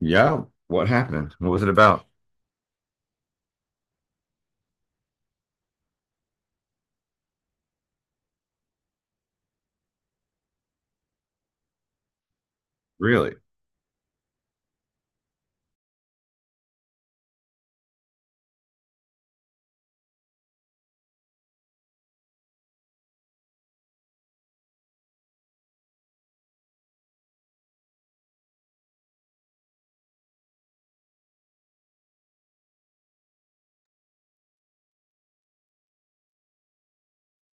Yeah. What happened? What was it about? Really?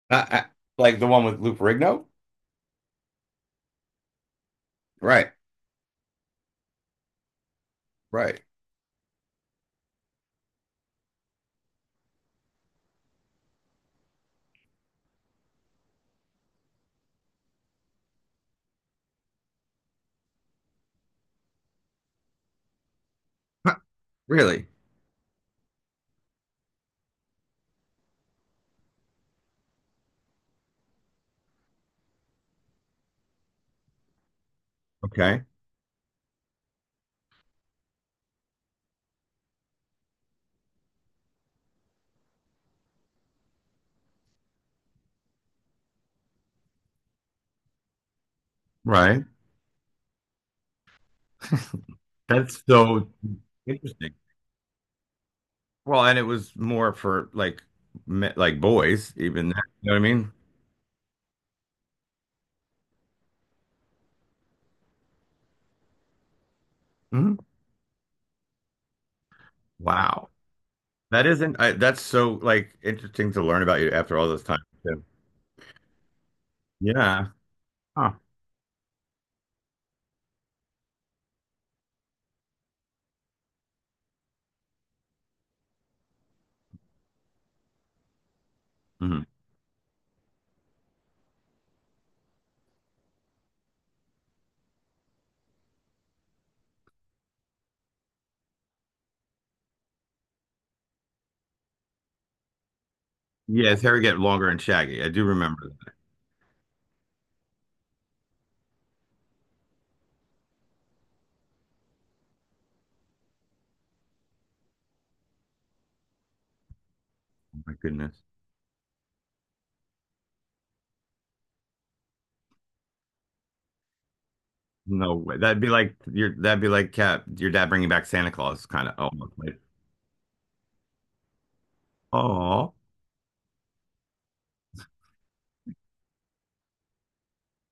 Uh, uh, like the one with Lou Ferrigno? Right. Right. Huh, really? Okay. Right. That's so interesting. Well, and it was more for like like boys, even that. You know what I mean? Mhm. Wow. That isn't I, that's so like interesting to learn about you after all this time too. Yeah. Huh. Mhm. Yeah, his hair get longer and shaggy. I do remember that. My goodness. No way. That'd be like cat your dad bringing back Santa Claus kind of, almost like, oh,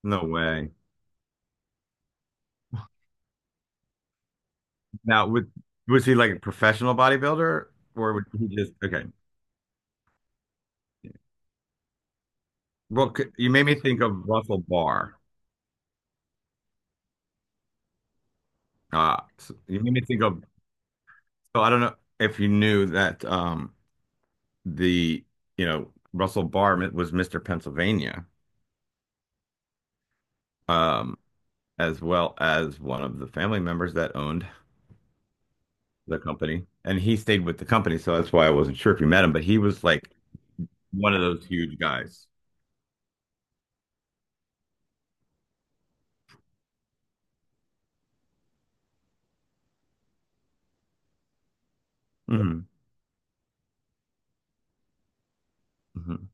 no way. Now would was he like a professional bodybuilder, or would he just okay? Well, you made me think of Russell Barr. You made me think of, so I don't know if you knew that the you know Russell Barr was Mr. Pennsylvania, um as well as one of the family members that owned the company, and he stayed with the company. So that's why I wasn't sure if you met him, but he was like one of those huge guys. Mm-hmm. Mm-hmm.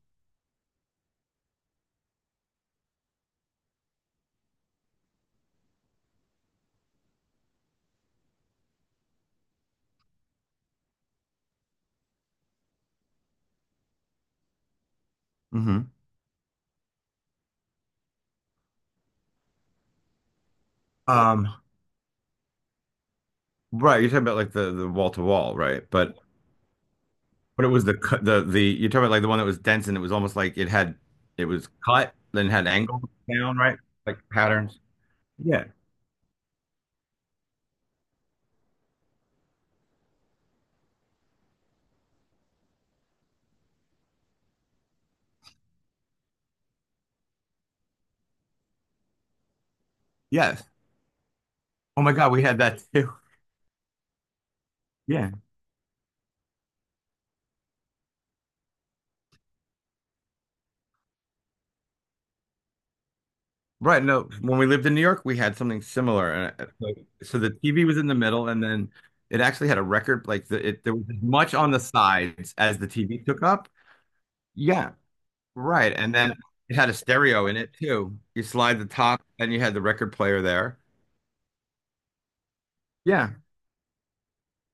Mm-hmm. Um, right, you're talking about like the wall to wall, right? But it was the cut the you're talking about like the one that was dense, and it was almost like it was cut, then had angles down, right? Like patterns. Yeah. Yes. Oh my God, we had that too. Yeah. Right. No, when we lived in New York, we had something similar. And like, so the TV was in the middle, and then it actually had a record, there was as much on the sides as the TV took up. Yeah. Right. And then it had a stereo in it too. You slide the top and you had the record player there. Yeah,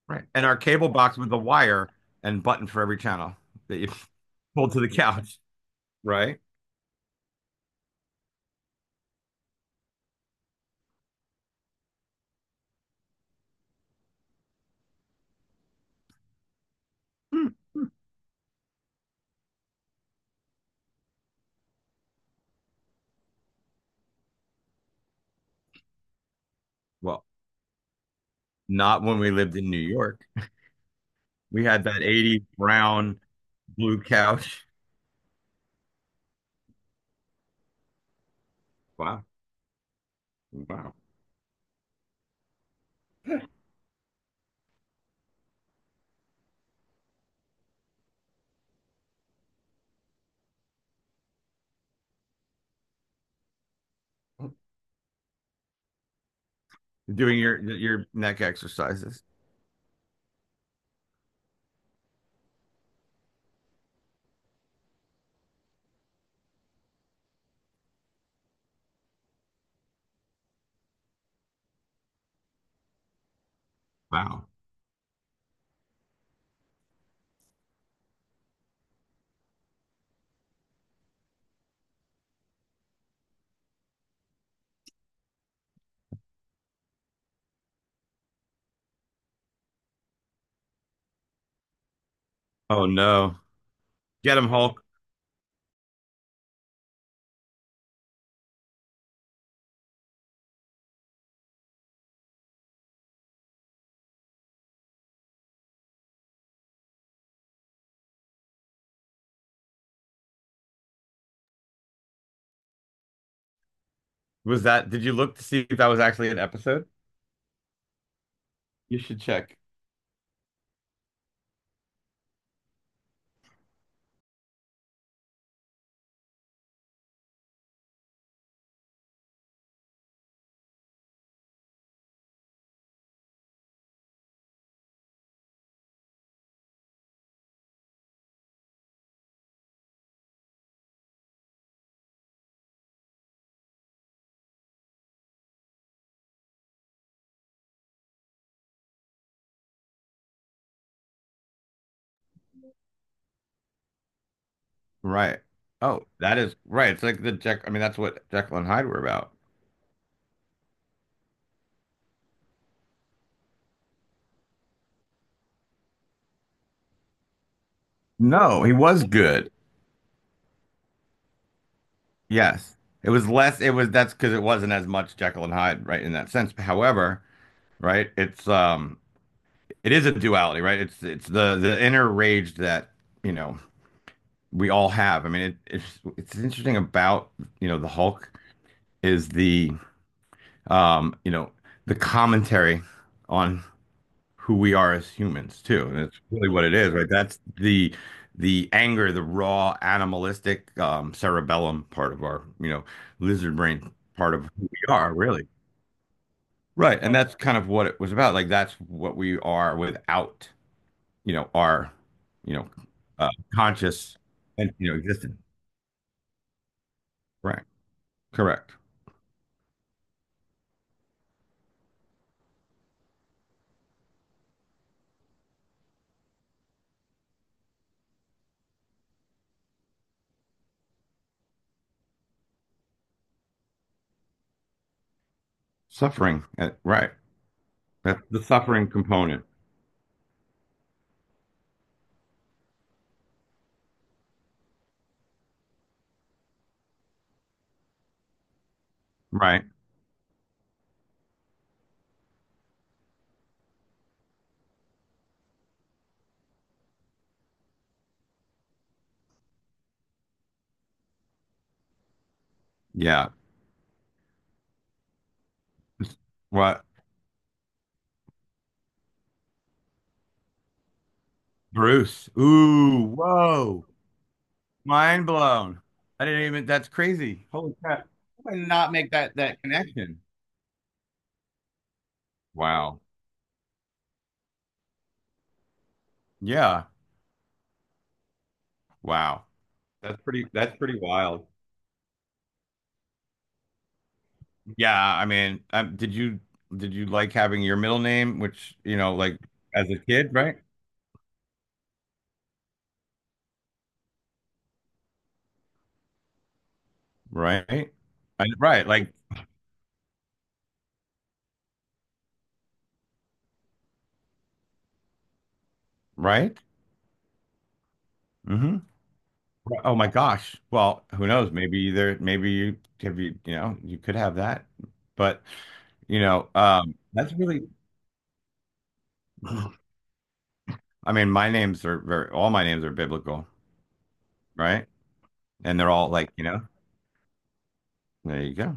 right. And our cable box with the wire and button for every channel that you pulled to the couch, right? Hmm. Well, not when we lived in New York. We had that 80 brown blue couch. Wow. Wow. Doing your neck exercises. Wow. Oh no. Get him, Hulk. Was that did you look to see if that was actually an episode? You should check. Right. Oh, that is right. It's like the Jack. I mean, that's what Jekyll and Hyde were about. No, he was good. Yes. It was less, it was that's because it wasn't as much Jekyll and Hyde, right, in that sense. However, right, it is a duality, right? It's the inner rage that, you know, we all have. I mean, it's interesting about, you know, the Hulk is the you know, the commentary on who we are as humans too. And it's really what it is, right? That's the anger, the raw animalistic cerebellum part of our, you know, lizard brain part of who we are, really. Right. And that's kind of what it was about. Like that's what we are without, you know, our, you know, uh, conscious and, you know, existence. Right. Correct. Suffering. Right. That's the suffering component. Right. Yeah. What? Bruce. Ooh, whoa. Mind blown. I didn't even, that's crazy. Holy crap. I did not make that connection. Wow. Yeah. Wow. That's pretty wild. Yeah, I mean, did you like having your middle name, which, you know, like, as a kid, right? Right. Right, like, right? hmm Oh my gosh. Well, who knows? Maybe there maybe you have you, you know, you could have that. But, that's really, I mean, my names are very, all my names are biblical, right? And they're all like, you know. There you go.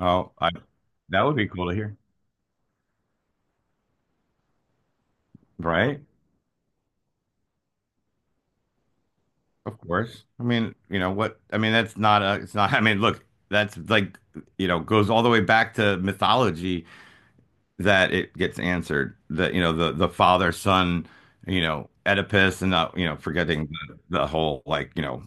Oh, I, that would be cool to hear, right? Of course. I mean, you know what? I mean, that's not a, it's not, I mean, look, that's like, you know, goes all the way back to mythology that it gets answered. That, you know, the father, son, you know, Oedipus and, you know, forgetting the whole, like, you know,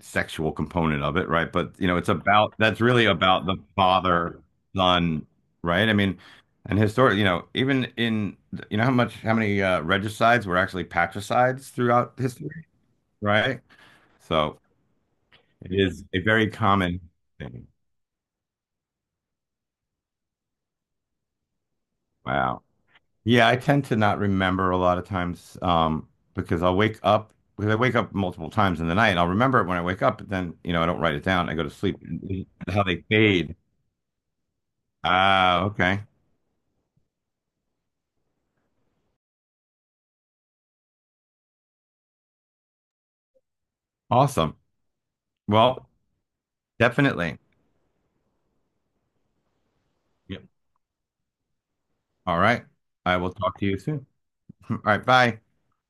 sexual component of it, right? But you know, it's about that's really about the father, son, right? I mean, and historically, you know, even in, you know, how many, regicides were actually patricides throughout history, right? So it is a very common thing. Wow. Yeah, I tend to not remember a lot of times, because I wake up multiple times in the night. I'll remember it when I wake up, but then, you know, I don't write it down. I go to sleep. How they fade. Ah, okay, awesome. Well, definitely. Yep. All right. I will talk to you soon. All right. Bye.